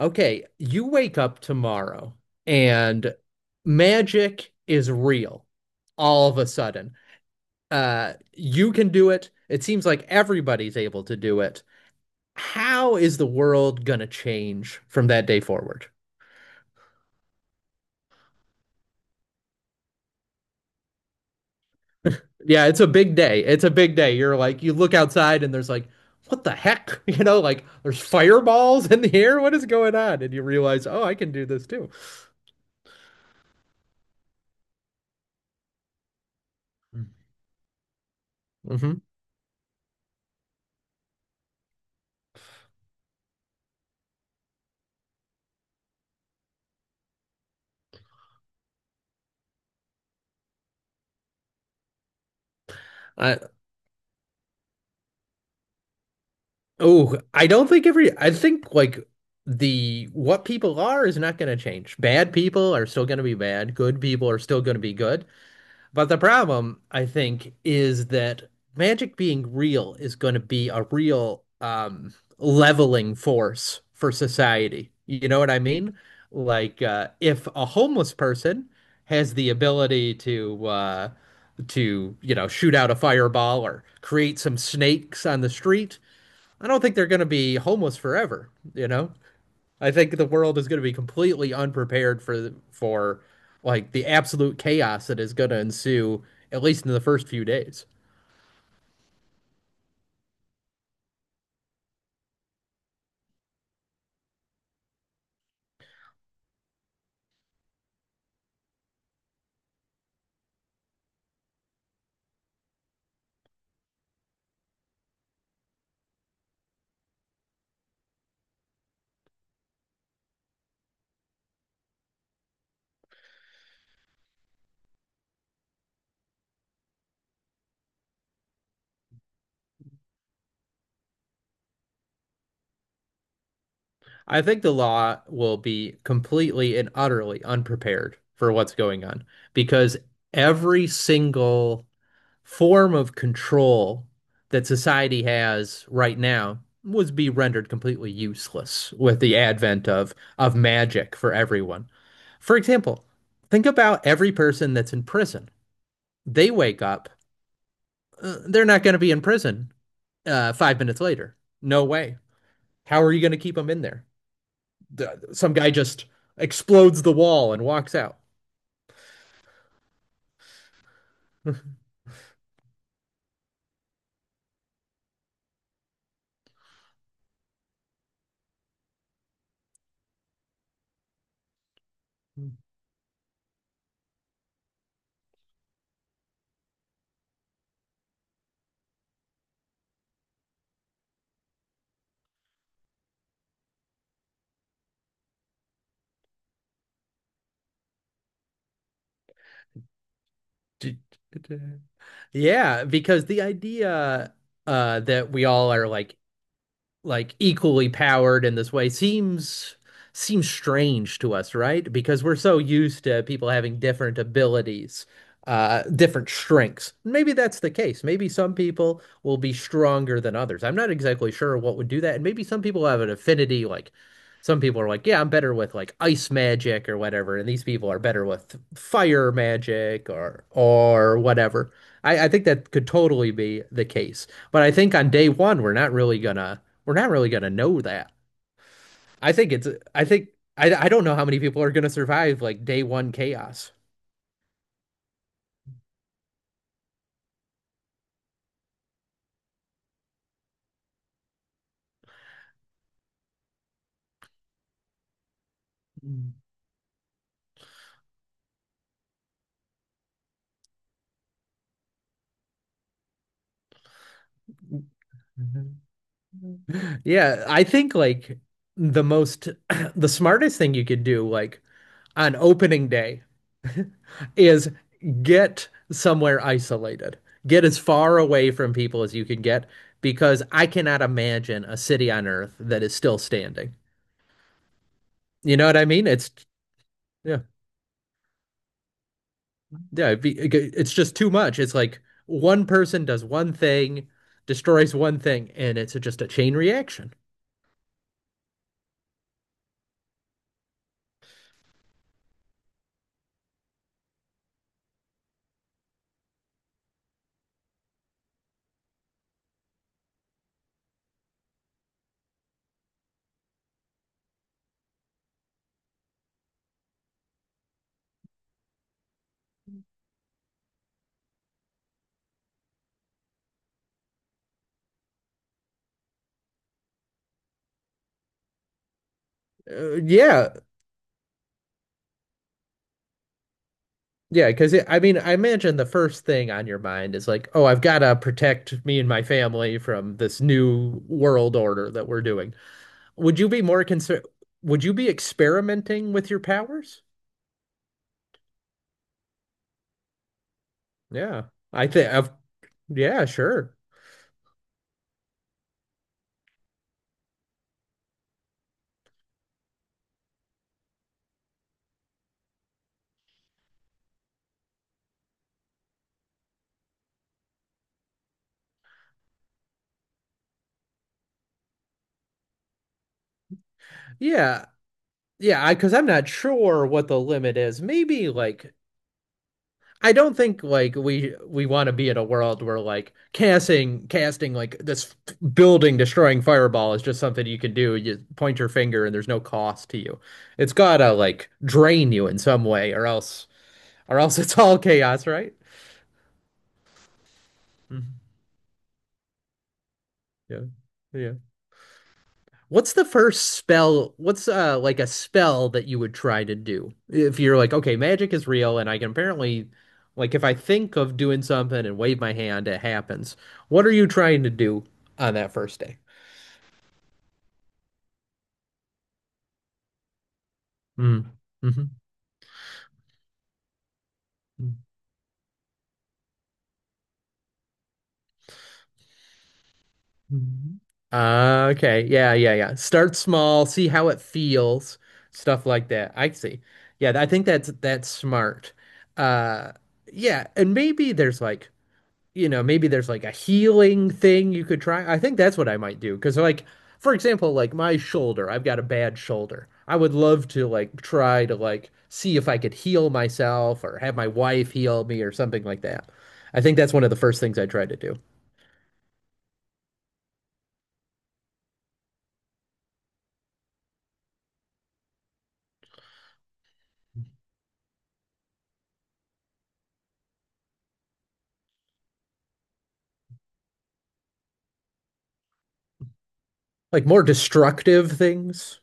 Okay, you wake up tomorrow and magic is real all of a sudden. You can do it. It seems like everybody's able to do it. How is the world gonna change from that day forward? Yeah, it's a big day. It's a big day. You're like, you look outside and there's like, what the heck? You know, like there's fireballs in the air. What is going on? And you realize, oh, I can do this too. hmm Oh, I don't think every, I think like the what people are is not going to change. Bad people are still going to be bad. Good people are still going to be good. But the problem, I think, is that magic being real is going to be a real leveling force for society. You know what I mean? Like if a homeless person has the ability to you know shoot out a fireball or create some snakes on the street I don't think they're going to be homeless forever, you know? I think the world is going to be completely unprepared for like the absolute chaos that is going to ensue at least in the first few days. I think the law will be completely and utterly unprepared for what's going on because every single form of control that society has right now would be rendered completely useless with the advent of magic for everyone. For example, think about every person that's in prison. They wake up, they're not going to be in prison 5 minutes later. No way. How are you going to keep them in there? Some guy just explodes the wall and walks out. Yeah, because the idea that we all are like equally powered in this way seems strange to us, right? Because we're so used to people having different abilities, different strengths. Maybe that's the case. Maybe some people will be stronger than others. I'm not exactly sure what would do that. And maybe some people have an affinity, like some people are like, yeah, I'm better with like ice magic or whatever, and these people are better with fire magic or whatever. I think that could totally be the case. But I think on day one, we're not really gonna know that. I think it's I think I don't know how many people are gonna survive like day one chaos. Yeah, I think like the most the smartest thing you could do like on opening day is get somewhere isolated. Get as far away from people as you can get because I cannot imagine a city on Earth that is still standing. You know what I mean? It's yeah. Yeah, it's just too much. It's like one person does one thing, destroys one thing, and it's just a chain reaction. Uh, yeah, yeah, because I mean, I imagine the first thing on your mind is like, oh, I've got to protect me and my family from this new world order that we're doing. Would you be more concerned? Would you be experimenting with your powers? Yeah, I think I've, yeah, sure. Yeah, yeah, I because I'm not sure what the limit is. Maybe like I don't think like we want to be in a world where like casting like this building destroying fireball is just something you can do. You point your finger and there's no cost to you. It's gotta like drain you in some way, or else it's all chaos, right? Mhm. Yeah, yeah. What's the first spell? What's like a spell that you would try to do? If you're like, okay, magic is real and I can apparently like if I think of doing something and wave my hand, it happens. What are you trying to do on that first day? Mm. Mm-hmm. hmm okay. Yeah, yeah, yeah. Start small, see how it feels, stuff like that. I see. Yeah, I think that's smart. Uh yeah, and maybe there's like you know, maybe there's like a healing thing you could try. I think that's what I might do. Because, like, for example, like my shoulder, I've got a bad shoulder. I would love to like try to like see if I could heal myself or have my wife heal me or something like that. I think that's one of the first things I try to do. Like more destructive things.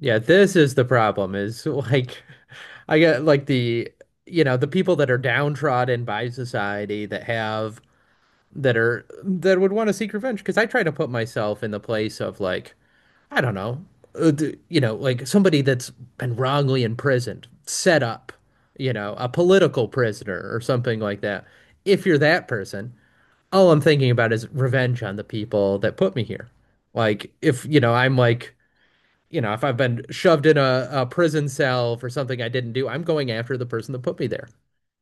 Yeah, this is the problem is like I get like the you know, the people that are downtrodden by society that have that would want to seek revenge because I try to put myself in the place of like I don't know, uh, you know, like somebody that's been wrongly imprisoned, set up, you know, a political prisoner or something like that. If you're that person, all I'm thinking about is revenge on the people that put me here. Like if, you know, I'm like, you know, if I've been shoved in a prison cell for something I didn't do, I'm going after the person that put me there.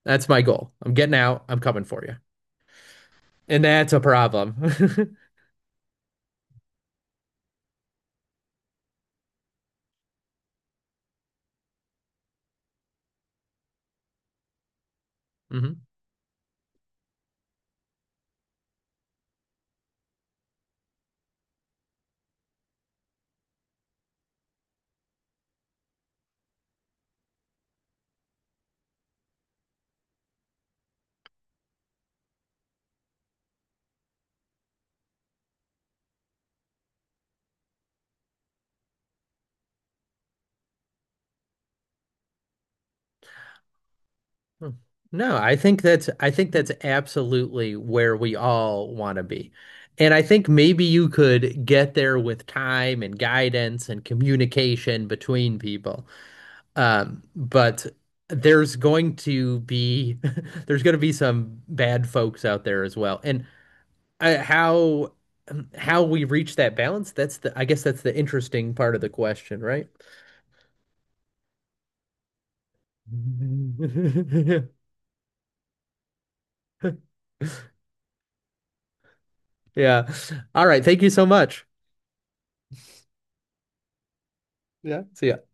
That's my goal. I'm getting out. I'm coming for you. And that's a problem. Mhm. Hmm. No, I think that's absolutely where we all want to be. And I think maybe you could get there with time and guidance and communication between people. But there's going to be there's going to be some bad folks out there as well. And uh, how how we reach that balance, that's the I guess that's the interesting part of the question, right? Yeah. All right. Thank you so much. Yeah. See ya.